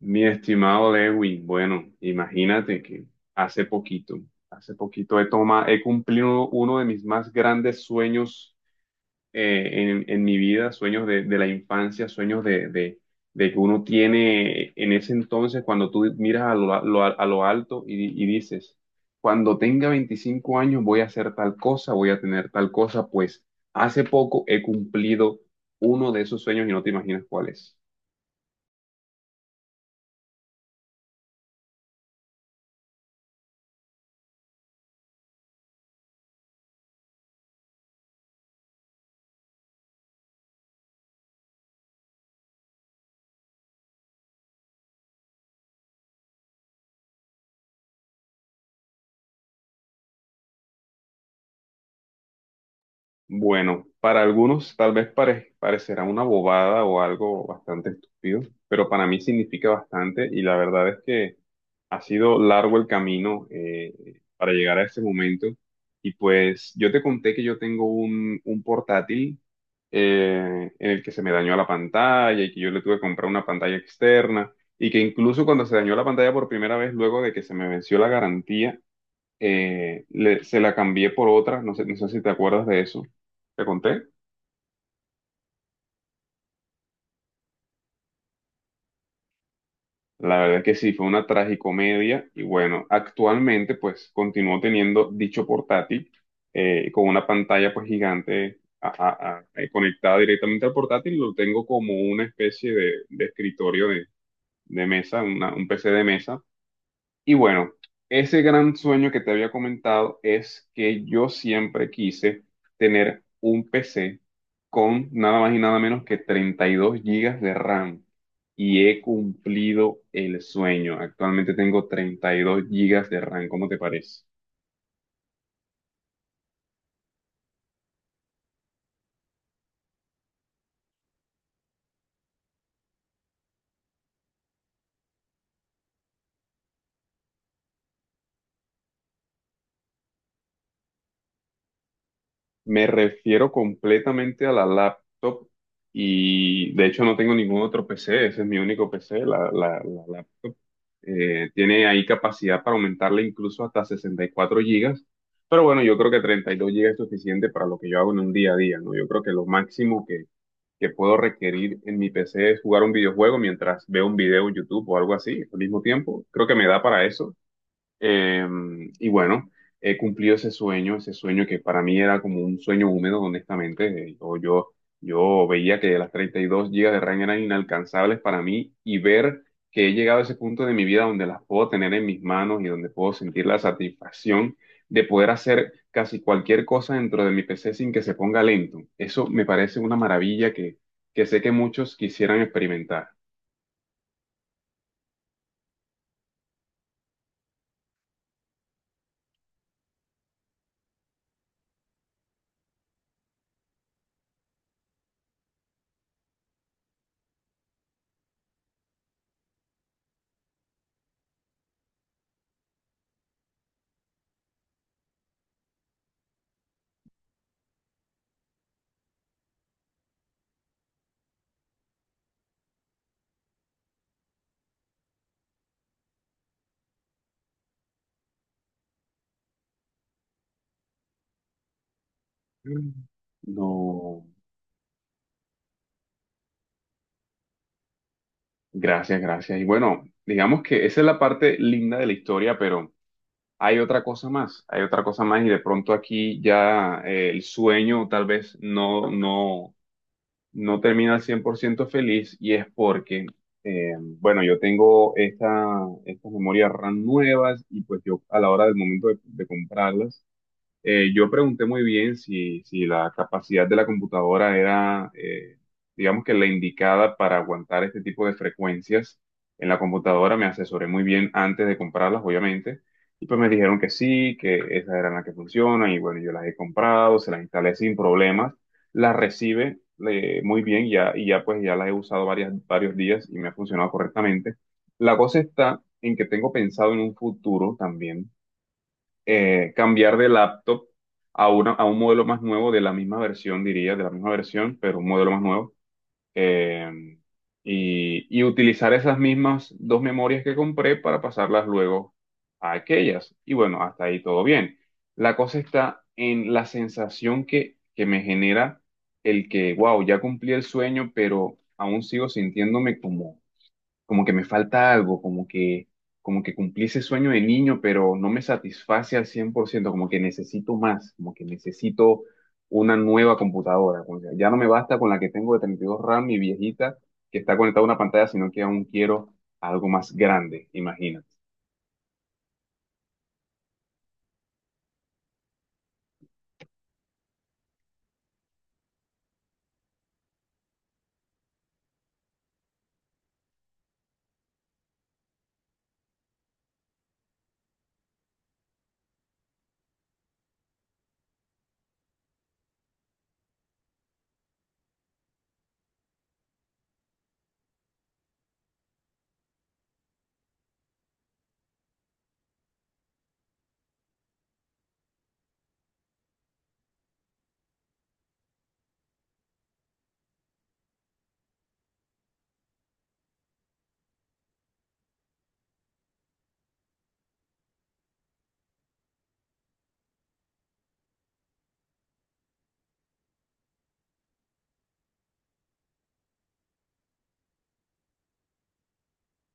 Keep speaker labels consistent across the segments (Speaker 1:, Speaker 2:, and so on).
Speaker 1: Mi estimado Lewin, bueno, imagínate que hace poquito, he cumplido uno de mis más grandes sueños eh, en mi vida, sueños de la infancia, sueños de, de que uno tiene en ese entonces cuando tú miras a lo, a lo alto y, y dices, cuando tenga 25 años voy a hacer tal cosa, voy a tener tal cosa, pues hace poco he cumplido uno de esos sueños y no te imaginas cuál es. Bueno, para algunos tal vez parecerá una bobada o algo bastante estúpido, pero para mí significa bastante y la verdad es que ha sido largo el camino para llegar a este momento. Y pues yo te conté que yo tengo un portátil en el que se me dañó la pantalla y que yo le tuve que comprar una pantalla externa y que incluso cuando se dañó la pantalla por primera vez, luego de que se me venció la garantía, se la cambié por otra, no sé, no sé si te acuerdas de eso, ¿te conté? La verdad es que sí, fue una tragicomedia y bueno, actualmente pues continúo teniendo dicho portátil con una pantalla pues gigante conectada directamente al portátil, lo tengo como una especie de escritorio de mesa, un PC de mesa. Y bueno, ese gran sueño que te había comentado es que yo siempre quise tener un PC con nada más y nada menos que 32 gigas de RAM. Y he cumplido el sueño. Actualmente tengo 32 gigas de RAM, ¿cómo te parece? Me refiero completamente a la laptop y de hecho no tengo ningún otro PC, ese es mi único PC, la laptop. Tiene ahí capacidad para aumentarle incluso hasta 64 gigas. Pero bueno, yo creo que 32 gigas es suficiente para lo que yo hago en un día a día, ¿no? Yo creo que lo máximo que puedo requerir en mi PC es jugar un videojuego mientras veo un video en YouTube o algo así al mismo tiempo. Creo que me da para eso. Eh, y bueno, he cumplido ese sueño que para mí era como un sueño húmedo, honestamente. Yo veía que las 32 gigas de RAM eran inalcanzables para mí y ver que he llegado a ese punto de mi vida donde las puedo tener en mis manos y donde puedo sentir la satisfacción de poder hacer casi cualquier cosa dentro de mi PC sin que se ponga lento. Eso me parece una maravilla que sé que muchos quisieran experimentar. Mm. No. Gracias, gracias. Y bueno, digamos que esa es la parte linda de la historia, pero hay otra cosa más, hay otra cosa más y de pronto aquí ya el sueño tal vez no termina al 100% feliz y es porque, bueno, yo tengo esta, estas memorias RAM nuevas y pues yo a la hora del momento de comprarlas, yo pregunté muy bien si, si la capacidad de la computadora era, digamos que la indicada para aguantar este tipo de frecuencias en la computadora. Me asesoré muy bien antes de comprarlas, obviamente. Y pues me dijeron que sí, que esas eran las que funcionan. Y bueno, yo las he comprado, se las instalé sin problemas. Las recibe muy bien ya, y ya pues ya las he usado varias, varios días y me ha funcionado correctamente. La cosa está en que tengo pensado en un futuro también cambiar de laptop a, una, a un modelo más nuevo de la misma versión, diría, de la misma versión, pero un modelo más nuevo. Eh, y, y utilizar esas mismas dos memorias que compré para pasarlas luego a aquellas. Y bueno, hasta ahí todo bien. La cosa está en la sensación que me genera el que, wow, ya cumplí el sueño, pero aún sigo sintiéndome como como que me falta algo, como que cumplí ese sueño de niño, pero no me satisface al 100%, como que necesito más, como que necesito una nueva computadora, como que ya no me basta con la que tengo de 32 RAM y viejita, que está conectada a una pantalla, sino que aún quiero algo más grande, imagina.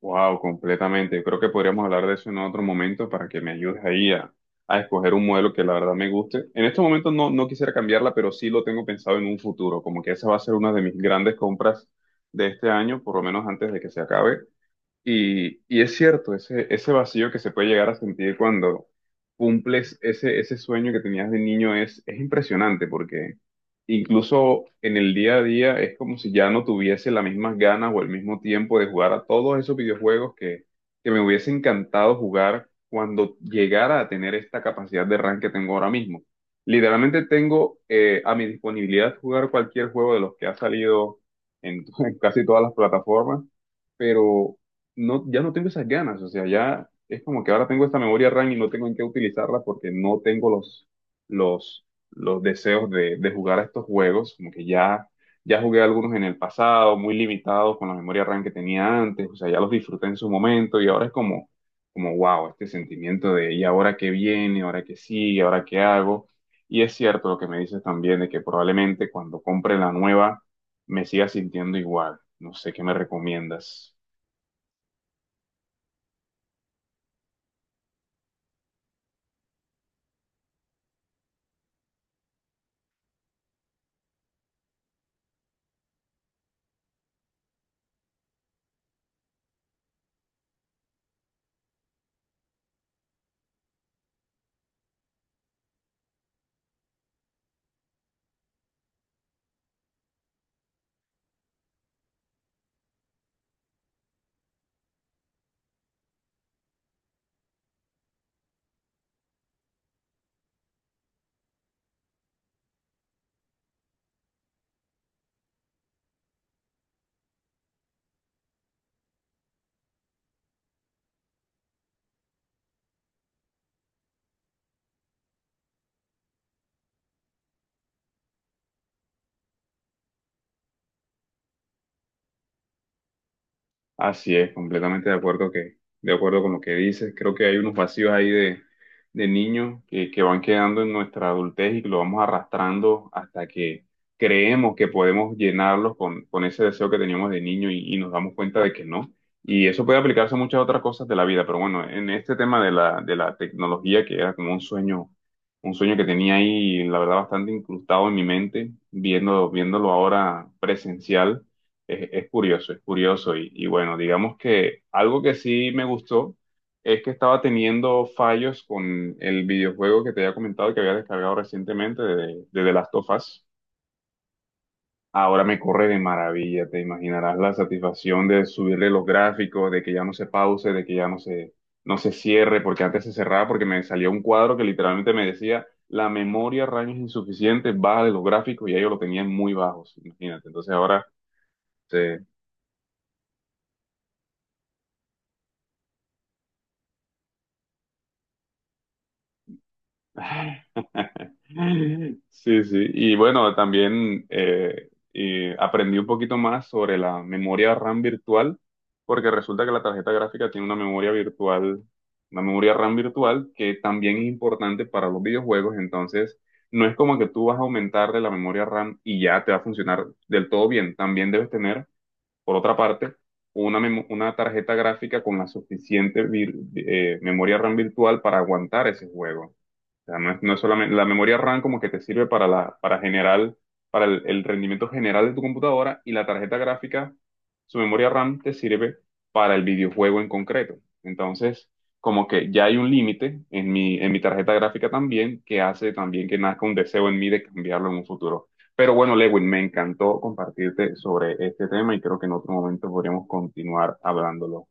Speaker 1: Wow, completamente. Yo creo que podríamos hablar de eso en otro momento para que me ayudes ahí a escoger un modelo que la verdad me guste. En estos momentos no, no quisiera cambiarla, pero sí lo tengo pensado en un futuro, como que esa va a ser una de mis grandes compras de este año, por lo menos antes de que se acabe. Y es cierto, ese vacío que se puede llegar a sentir cuando cumples ese, ese sueño que tenías de niño es impresionante porque incluso en el día a día es como si ya no tuviese las mismas ganas o el mismo tiempo de jugar a todos esos videojuegos que me hubiese encantado jugar cuando llegara a tener esta capacidad de RAM que tengo ahora mismo. Literalmente tengo a mi disponibilidad jugar cualquier juego de los que ha salido en en casi todas las plataformas, pero no, ya no tengo esas ganas, o sea, ya es como que ahora tengo esta memoria RAM y no tengo en qué utilizarla porque no tengo los deseos de jugar a estos juegos, como que ya, ya jugué algunos en el pasado, muy limitados con la memoria RAM que tenía antes, o sea, ya los disfruté en su momento y ahora es como, como wow, este sentimiento de ¿y ahora qué viene? ¿Ahora qué sigue? ¿Ahora qué hago? Y es cierto lo que me dices también de que probablemente cuando compre la nueva me siga sintiendo igual. No sé qué me recomiendas. Así es, completamente de acuerdo que, de acuerdo con lo que dices. Creo que hay unos vacíos ahí de niños que van quedando en nuestra adultez y que lo vamos arrastrando hasta que creemos que podemos llenarlos con ese deseo que teníamos de niño y nos damos cuenta de que no. Y eso puede aplicarse a muchas otras cosas de la vida, pero bueno, en este tema de la tecnología, que era como un sueño que tenía ahí, la verdad, bastante incrustado en mi mente, viendo, viéndolo ahora presencial es curioso, es curioso. Y bueno, digamos que algo que sí me gustó es que estaba teniendo fallos con el videojuego que te había comentado que había descargado recientemente de The Last of Us. Ahora me corre de maravilla, te imaginarás la satisfacción de subirle los gráficos, de que ya no se pause, de que ya no se, no se cierre, porque antes se cerraba porque me salía un cuadro que literalmente me decía, la memoria RAM es insuficiente, baja de los gráficos y ya yo lo tenía en muy bajos, imagínate. Entonces ahora se... Sí, sí. Y bueno, también y aprendí un poquito más sobre la memoria RAM virtual, porque resulta que la tarjeta gráfica tiene una memoria virtual, una memoria RAM virtual que también es importante para los videojuegos. Entonces, no es como que tú vas a aumentarle la memoria RAM y ya te va a funcionar del todo bien. También debes tener, por otra parte, una, una tarjeta gráfica con la suficiente memoria RAM virtual para aguantar ese juego, sea, no es, no es solamente la memoria RAM como que te sirve para la, para general, para el rendimiento general de tu computadora y la tarjeta gráfica, su memoria RAM te sirve para el videojuego en concreto. Entonces, como que ya hay un límite en mi tarjeta gráfica también que hace también que nazca un deseo en mí de cambiarlo en un futuro. Pero bueno, Lewin, me encantó compartirte sobre este tema y creo que en otro momento podríamos continuar hablándolo.